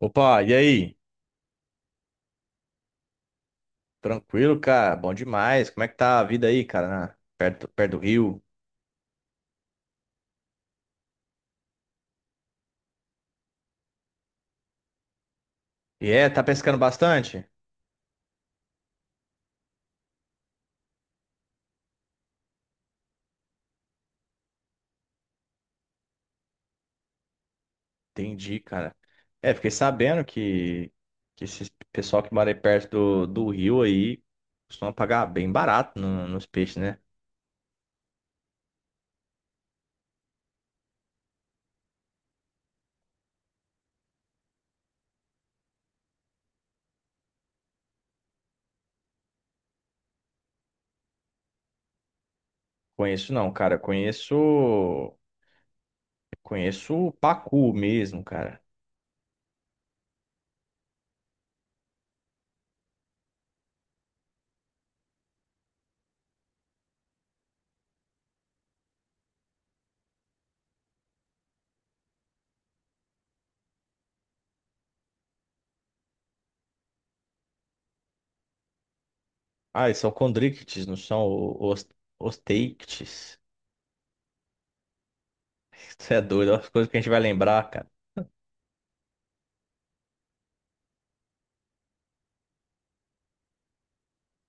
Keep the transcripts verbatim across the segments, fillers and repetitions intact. Opa, e aí? Tranquilo, cara? Bom demais. Como é que tá a vida aí, cara? na- Perto, perto do Rio. E é, tá pescando bastante? Entendi, cara. É, fiquei sabendo que, que esse pessoal que mora aí perto do, do Rio aí costuma pagar bem barato no- nos peixes, né? Conheço não, cara. Conheço. Conheço o pacu mesmo, cara. Ah, eles são condrictes, não são os, os teictes. Isso é doido, é as coisas que a gente vai lembrar, cara.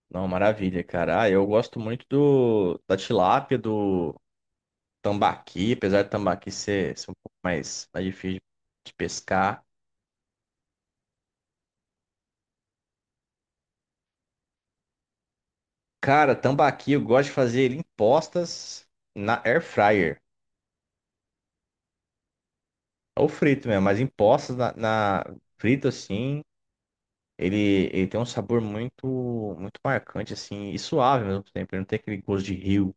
Não, maravilha, cara. Ah, eu gosto muito do, da tilápia, do tambaqui, apesar do tambaqui ser, ser um pouco mais, mais difícil de pescar. Cara, tambaqui eu gosto de fazer ele em postas na air fryer. Ou frito mesmo, mas em postas na, na- frito assim, ele, ele tem um sabor muito muito marcante assim e suave ao mesmo tempo, ele não tem aquele gosto de rio.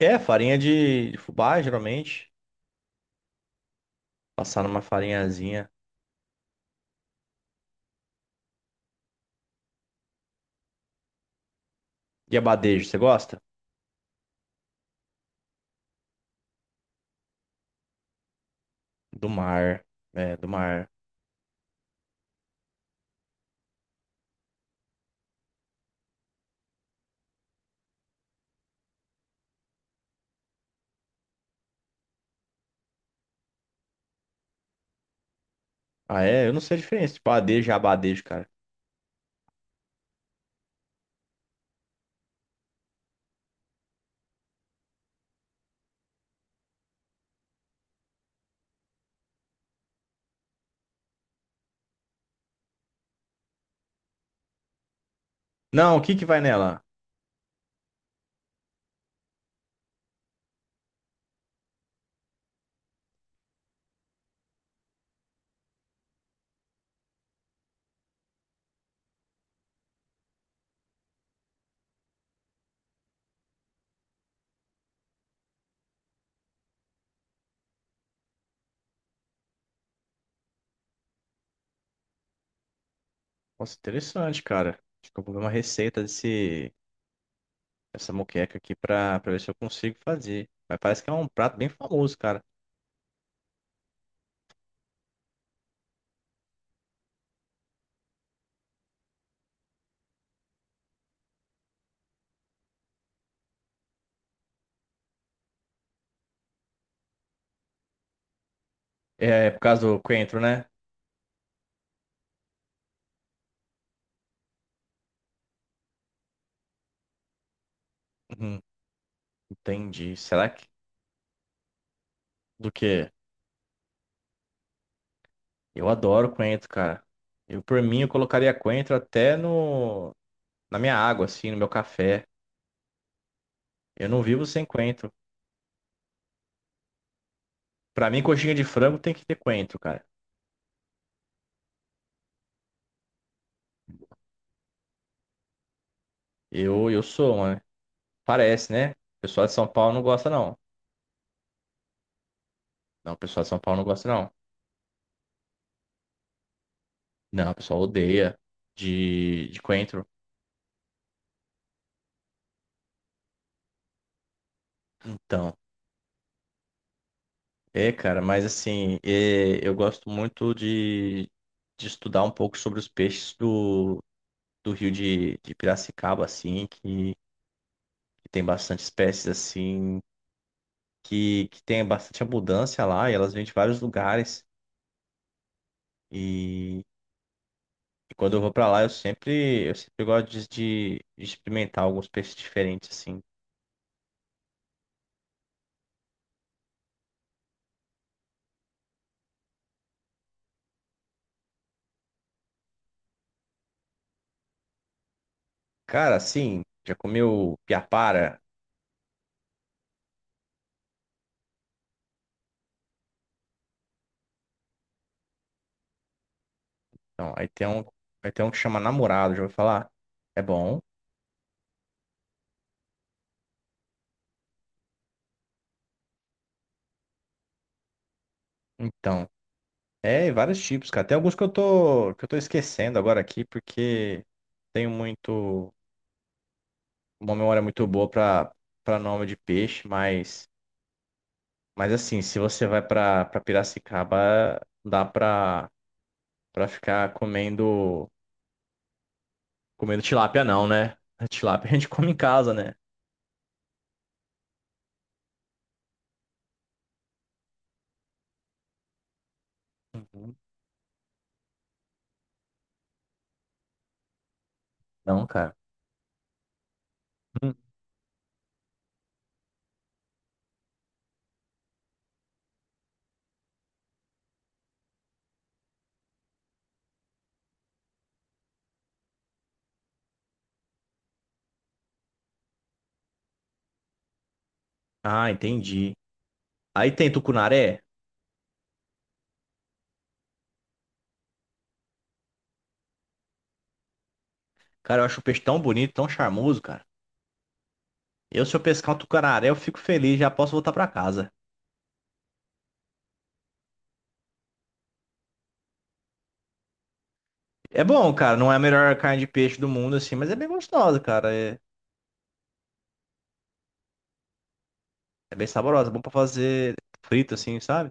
É, farinha de, de fubá, geralmente, passar numa farinhazinha. E abadejo, você gosta? Do mar. É, do mar. Ah, é? Eu não sei a diferença. Tipo, adejo e abadejo, cara. Não, o que que vai nela? Nossa, interessante, cara. Acho que eu vou ver uma receita desse, dessa moqueca aqui pra, pra ver se eu consigo fazer. Mas parece que é um prato bem famoso, cara. É, é por causa do coentro, né? Uhum, entendi. Será que... Do quê? Eu adoro coentro, cara. Eu, por mim, eu colocaria coentro até no... na minha água, assim, no meu café. Eu não vivo sem coentro. Pra mim, coxinha de frango tem que ter coentro, cara. Eu, eu sou, mano. Parece, né? O pessoal de São Paulo não gosta, não. Não, o pessoal de São Paulo não gosta, não. Não, o pessoal odeia de, de coentro. Então, é, cara, mas assim, é, eu gosto muito de, de estudar um pouco sobre os peixes do, do rio de, de Piracicaba, assim, que, que tem bastante espécies, assim, que, que tem bastante abundância lá, e elas vêm de vários lugares. E, e quando eu vou pra lá, eu sempre, eu sempre gosto de, de de experimentar alguns peixes diferentes, assim. Cara, assim, já comeu piapara? Então, aí tem um, aí tem um que chama namorado, já vou falar. É bom. Então, é, vários tipos, cara. Tem alguns que eu tô, que eu tô esquecendo agora aqui, porque tenho muito, uma memória muito boa pra, pra nome de peixe, mas, mas assim, se você vai pra, pra Piracicaba, dá pra, pra ficar comendo, comendo tilápia não, né? A Tilápia a gente come em casa, né? Uhum. Não, cara. Hum. Ah, entendi. Aí tem tucunaré. Cara, eu acho o peixe tão bonito, tão charmoso, cara. Eu, se eu pescar um tucunaré, eu fico feliz, já posso voltar pra casa. É bom, cara. Não é a melhor carne de peixe do mundo, assim, mas é bem gostosa, cara. É, é bem saborosa. É bom pra fazer frito, assim, sabe?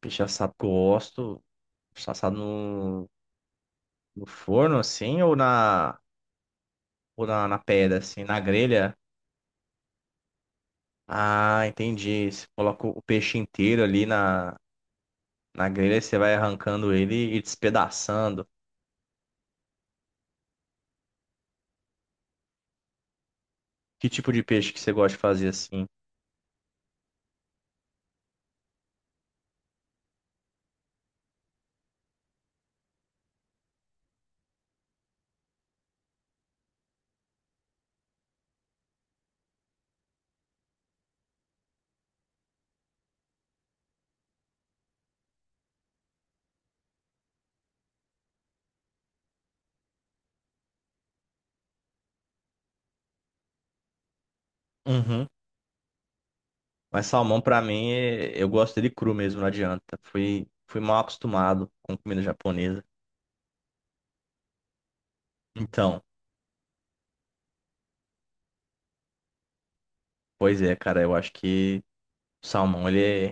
Peixe assado que eu gosto. Assado no, no forno, assim, ou na, ou na, na pedra, assim, na grelha. Ah, entendi. Você coloca o peixe inteiro ali na, na grelha e você vai arrancando ele e despedaçando. Que tipo de peixe que você gosta de fazer assim? Uhum. Mas salmão, pra mim, é- eu gosto dele cru mesmo, não adianta. Fui, fui mal acostumado com comida japonesa. Então, pois é, cara, eu acho que o salmão, ele é,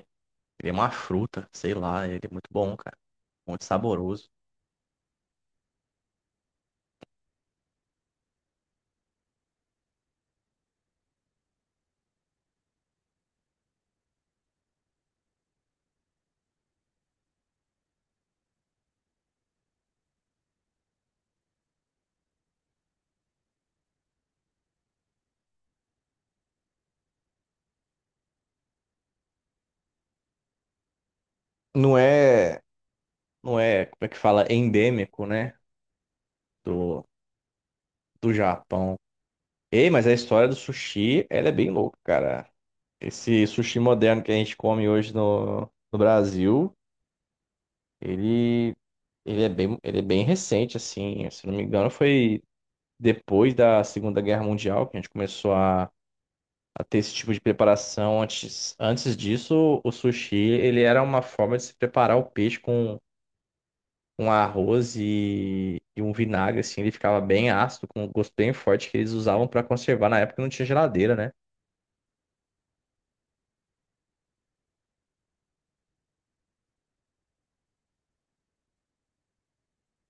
ele é uma fruta, sei lá, ele é muito bom, cara. Muito saboroso. Não é, não é, como é que fala, endêmico, né, do, do Japão. Ei, mas a história do sushi, ela é bem louca, cara. Esse sushi moderno que a gente come hoje no, no Brasil. Ele, ele é bem, ele é bem recente, assim. Se não me engano, foi depois da Segunda Guerra Mundial que a gente começou a, a ter esse tipo de preparação. Antes, antes disso, o sushi, ele era uma forma de se preparar o peixe com, com arroz e, e um vinagre, assim. Ele ficava bem ácido, com um gosto bem forte que eles usavam para conservar. Na época não tinha geladeira, né?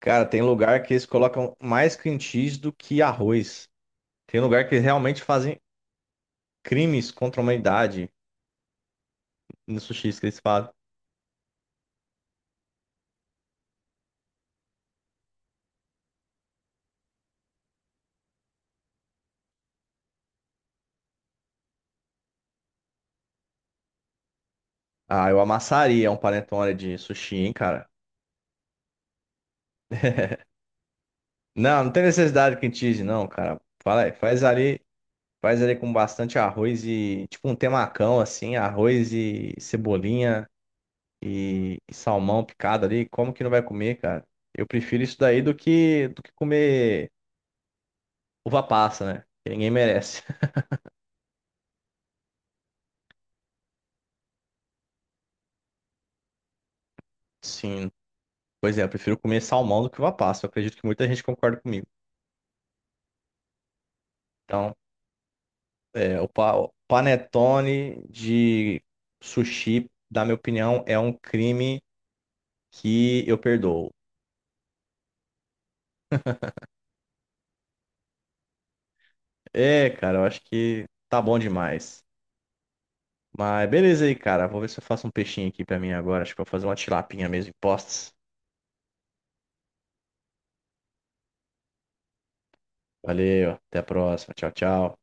Cara, tem lugar que eles colocam mais cream cheese do que arroz. Tem lugar que eles realmente fazem crimes contra a humanidade no sushi que eles falam. Ah, eu amassaria um panetone de sushi, hein, cara. Não, não tem necessidade de cream cheese, não, cara. Fala aí, faz ali, faz ali com bastante arroz e tipo um temacão assim, arroz e cebolinha e, e salmão picado ali. Como que não vai comer, cara? Eu prefiro isso daí do que do que comer uva passa, né? Que ninguém merece. Sim. Pois é, eu prefiro comer salmão do que uva passa. Eu acredito que muita gente concorda comigo. Então, é, o pa- o panetone de sushi, na minha opinião, é um crime que eu perdoo. É, cara, eu acho que tá bom demais. Mas beleza aí, cara. Vou ver se eu faço um peixinho aqui pra mim agora. Acho que eu vou fazer uma tilapinha mesmo em postes. Valeu, até a próxima. Tchau, tchau.